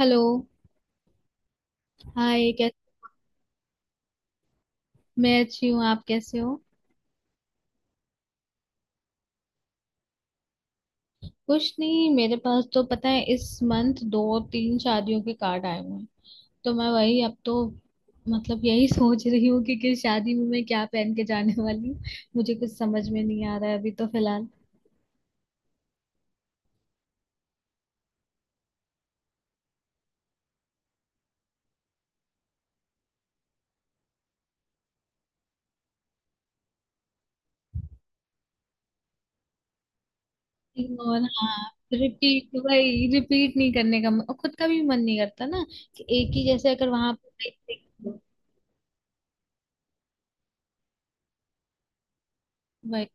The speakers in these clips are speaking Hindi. हेलो। हाय कै। मैं अच्छी हूँ, आप कैसे हो। कुछ नहीं, मेरे पास तो पता है इस मंथ दो तीन शादियों के कार्ड आए हुए हैं। तो मैं वही अब तो मतलब यही सोच रही हूँ कि किस शादी में मैं क्या पहन के जाने वाली हूँ। मुझे कुछ समझ में नहीं आ रहा है अभी तो फिलहाल। और हाँ, रिपीट नहीं करने का और खुद का भी मन नहीं करता ना कि एक ही जैसे अगर वहां पे वही। वही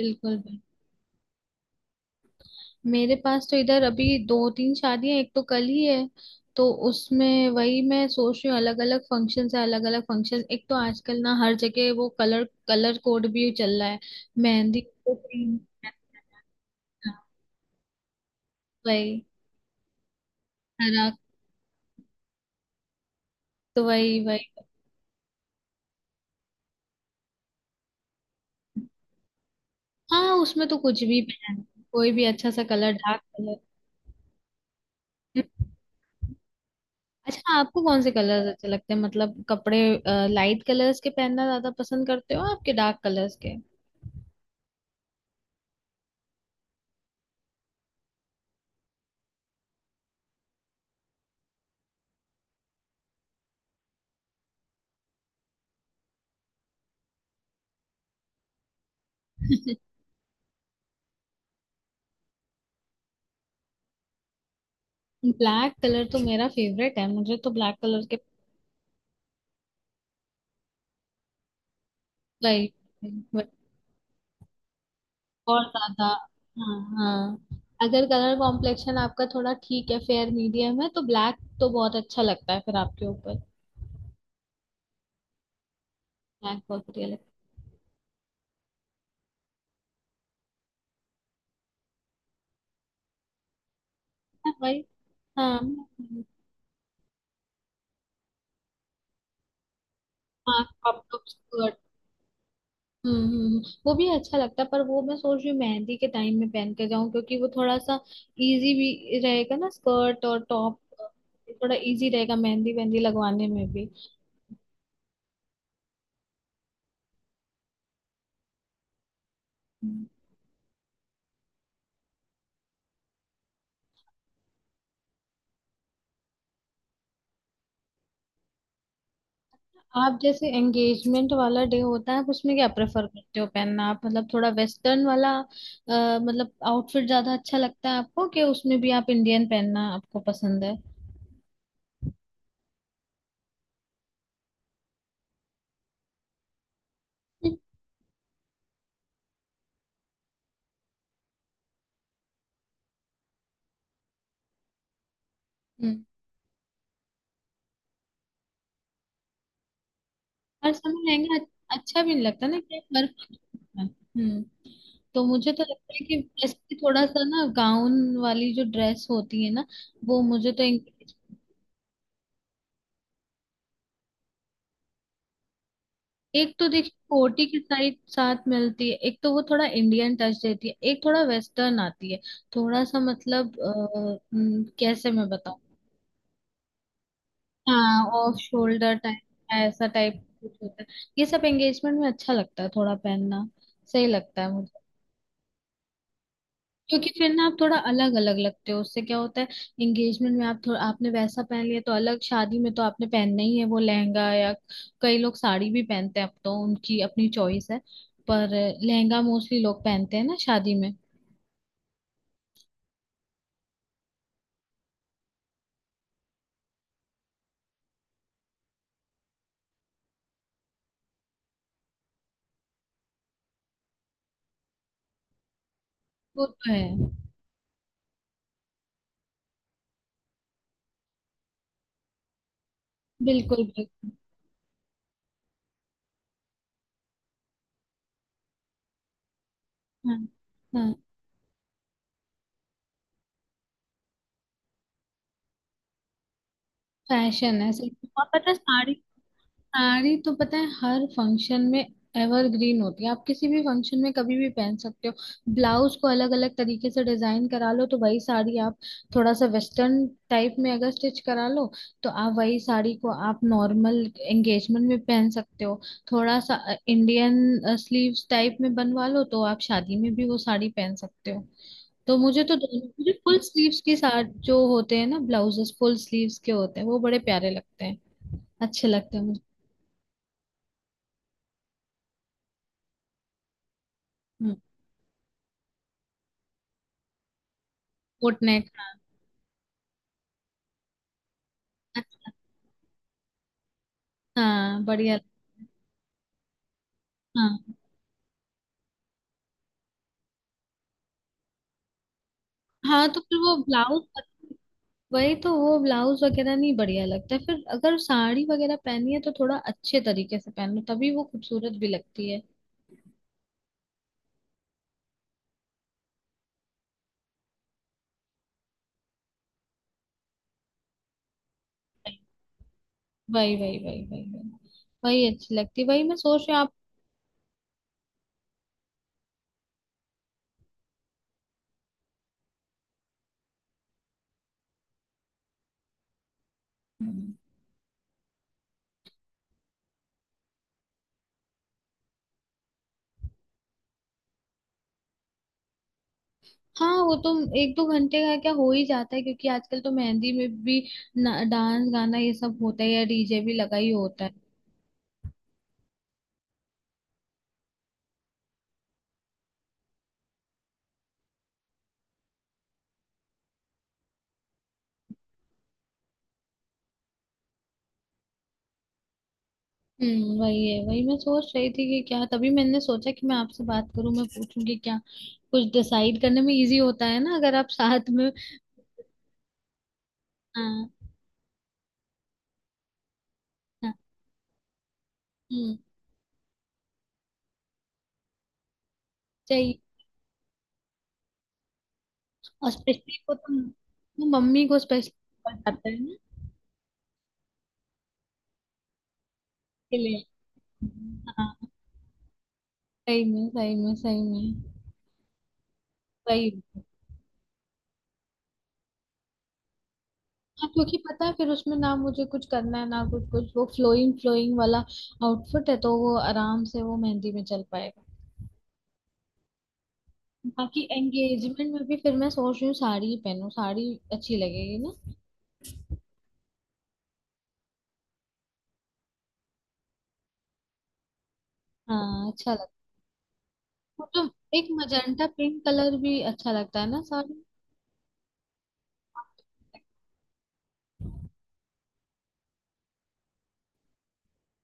बिल्कुल। मेरे पास तो इधर अभी दो तीन शादियां, एक तो कल ही है। तो उसमें वही मैं सोच रही हूँ, अलग अलग फंक्शन है। अलग अलग फंक्शन, एक तो आजकल ना हर जगह वो कलर कलर कोड भी चल रहा है। मेहंदी, तो green, वही। हरा, तो वही वही। हाँ, उसमें तो कुछ भी पहन, कोई भी अच्छा सा कलर, डार्क कलर। अच्छा, आपको कौन से कलर्स अच्छे लगते हैं, मतलब कपड़े लाइट कलर्स के पहनना ज्यादा पसंद करते हो आपके डार्क कलर्स के। ब्लैक कलर तो मेरा फेवरेट है, मुझे तो ब्लैक कलर के। वही- वही- और ज्यादा, हाँ हाँ। अगर कलर कॉम्प्लेक्शन आपका थोड़ा ठीक है, फेयर मीडियम है, तो ब्लैक तो बहुत अच्छा लगता है फिर आपके ऊपर। ब्लैक बहुत बढ़िया लगता है भाई। हाँ। हाँ, क्रॉप टॉप स्कर्ट। हम्म हम्म, हम्म। वो भी अच्छा लगता है पर वो मैं सोच रही हूँ मेहंदी के टाइम में पहन के जाऊं, क्योंकि वो थोड़ा सा इजी भी रहेगा ना, स्कर्ट और टॉप। थोड़ा इजी रहेगा मेहंदी वेहंदी लगवाने में भी। आप जैसे एंगेजमेंट वाला डे होता है, आप उसमें क्या प्रेफर करते हो पहनना, आप मतलब थोड़ा वेस्टर्न वाला मतलब आउटफिट ज्यादा अच्छा लगता है आपको कि उसमें भी आप इंडियन पहनना आपको पसंद है। हम्म। हर समय लहंगा अच्छा भी नहीं लगता ना कि आप हर। हम्म, तो मुझे तो लगता है कि वैसे थोड़ा सा ना गाउन वाली जो ड्रेस होती है ना, वो मुझे तो। एक तो देखिए कोटी की साइड साथ मिलती है, एक तो वो थोड़ा इंडियन टच देती है, एक थोड़ा वेस्टर्न आती है। थोड़ा सा मतलब कैसे मैं बताऊं। हाँ, ऑफ शोल्डर टाइप। ऐसा टाइप कुछ होता है। ये सब एंगेजमेंट में अच्छा लगता है थोड़ा पहनना, सही लगता है मुझे। क्योंकि फिर ना आप थोड़ा अलग अलग लगते हो, उससे क्या होता है, एंगेजमेंट में आप थोड़ा आपने वैसा पहन लिया तो अलग। शादी में तो आपने पहनना ही है वो लहंगा, या कई लोग साड़ी भी पहनते हैं अब तो, उनकी अपनी चॉइस है। पर लहंगा मोस्टली लोग पहनते हैं ना शादी में। वो तो है। बिल्कुल बिल्कुल। हाँ हाँ। फैशन है सिर्फ, और पता है साड़ी, साड़ी तो पता है हर फंक्शन में एवरग्रीन होती है। आप किसी भी फंक्शन में कभी भी पहन सकते हो। ब्लाउज को अलग अलग तरीके से डिजाइन करा लो तो वही साड़ी आप थोड़ा सा वेस्टर्न टाइप में अगर स्टिच करा लो तो आप वही साड़ी को आप नॉर्मल एंगेजमेंट में पहन सकते हो। थोड़ा सा इंडियन स्लीव्स टाइप में बनवा लो तो आप शादी में भी वो साड़ी पहन सकते हो। तो मुझे तो दोनों मुझे फुल स्लीव्स के साथ जो होते हैं ना ब्लाउजेस फुल स्लीव्स के होते हैं वो बड़े प्यारे लगते हैं। अच्छे लगते हैं मुझे। कोट नेक। हाँ बढ़िया। हाँ हाँ, तो फिर वो ब्लाउज, वही। तो वो ब्लाउज वगैरह नहीं बढ़िया लगता है फिर, अगर साड़ी वगैरह पहनी है तो थोड़ा अच्छे तरीके से पहनो तभी वो खूबसूरत भी लगती है। वही वही वही वही वही वही अच्छी लगती है, वही मैं सोच रही हूँ आप। हाँ वो तो एक दो घंटे का क्या हो ही जाता है, क्योंकि आजकल तो मेहंदी में भी डांस गाना ये सब होता है, या डीजे भी लगा ही होता है। हम्म, वही है। वही मैं सोच रही थी कि क्या, तभी मैंने सोचा कि मैं आपसे बात करूं, मैं पूछूं कि क्या, कुछ डिसाइड करने में इजी होता है ना अगर आप साथ में। हाँ हाँ। हम्म। चाहिए। और स्पेशली को तो मम्मी को स्पेशली पड़ जाता है ना के लिए। हाँ, सही में सही में सही में। वही। हाँ क्योंकि पता है फिर उसमें ना मुझे कुछ करना है ना कुछ कुछ, वो फ्लोइंग फ्लोइंग वाला आउटफिट है तो वो आराम से वो मेहंदी में चल पाएगा। बाकी एंगेजमेंट में भी फिर मैं सोच रही हूँ साड़ी ही पहनूं, साड़ी अच्छी लगेगी ना। हाँ, अच्छा लगता है तो। एक मजेंटा पिंक कलर भी अच्छा लगता है ना साड़ी में?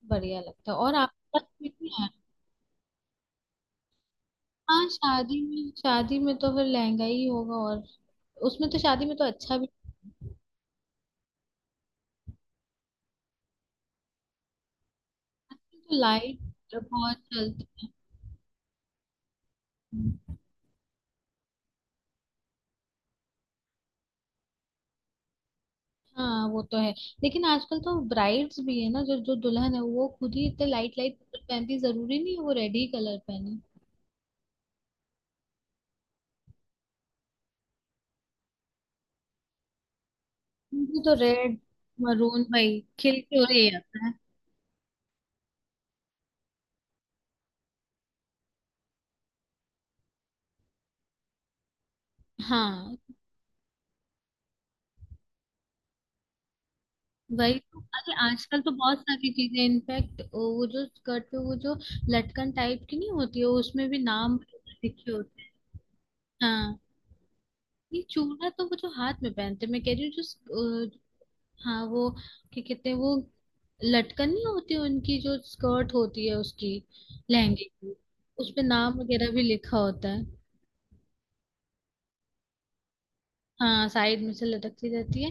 बढ़िया लगता है और आपके पास भी नहीं है। हाँ, शादी में, शादी में तो फिर लहंगा ही होगा, और उसमें तो शादी में तो अच्छा भी। तो लाइट बहुत चलती है। हाँ वो तो है। लेकिन आजकल तो ब्राइड्स भी है ना, जो जो दुल्हन है वो खुद ही इतने लाइट लाइट पहनती, जरूरी नहीं है वो रेड ही कलर पहने। मुझे तो रेड मरून भाई खिल के, और ये आता है हाँ। वही तो, अरे आजकल तो बहुत सारी चीजें इनफैक्ट वो जो स्कर्ट पे, वो जो लटकन टाइप की नहीं होती है उसमें भी नाम लिखे होते हैं। हाँ, ये चूड़ा तो वो जो हाथ में पहनते हैं, मैं कह रही हूँ जो हाँ वो, क्या कहते हैं वो, लटकन नहीं होती उनकी जो स्कर्ट होती है उसकी, लहंगे की। उसपे नाम वगैरह भी लिखा होता है। हाँ, साइड में से लटकती रहती है।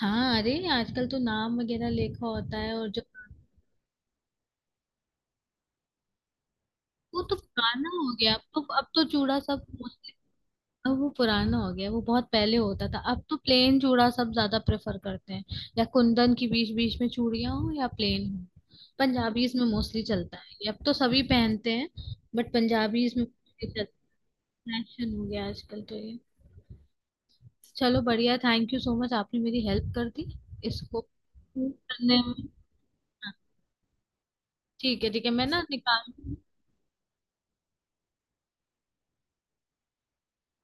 हाँ अरे आजकल तो नाम वगैरह लिखा होता है और जो, वो तो पुराना हो गया। अब तो, अब तो चूड़ा सब मोस्टली, अब वो पुराना हो गया, वो बहुत पहले होता था। अब तो प्लेन चूड़ा सब ज्यादा प्रेफर करते हैं, या कुंदन की बीच बीच में चूड़ियां हो या प्लेन हो। पंजाबीज में मोस्टली चलता है ये, अब तो सभी पहनते हैं, बट पंजाबीज में mostly चलता है। फैशन हो गया आजकल तो ये। चलो बढ़िया, थैंक यू सो मच, आपने मेरी हेल्प कर दी इसको करने में। हाँ, ठीक है ठीक है, मैं ना निकाल,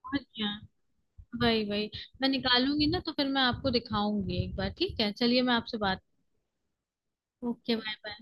पहुंच गया, वही वही। मैं निकालूंगी ना तो फिर मैं आपको दिखाऊंगी एक बार, ठीक है, चलिए मैं आपसे बात। Okay, bye bye.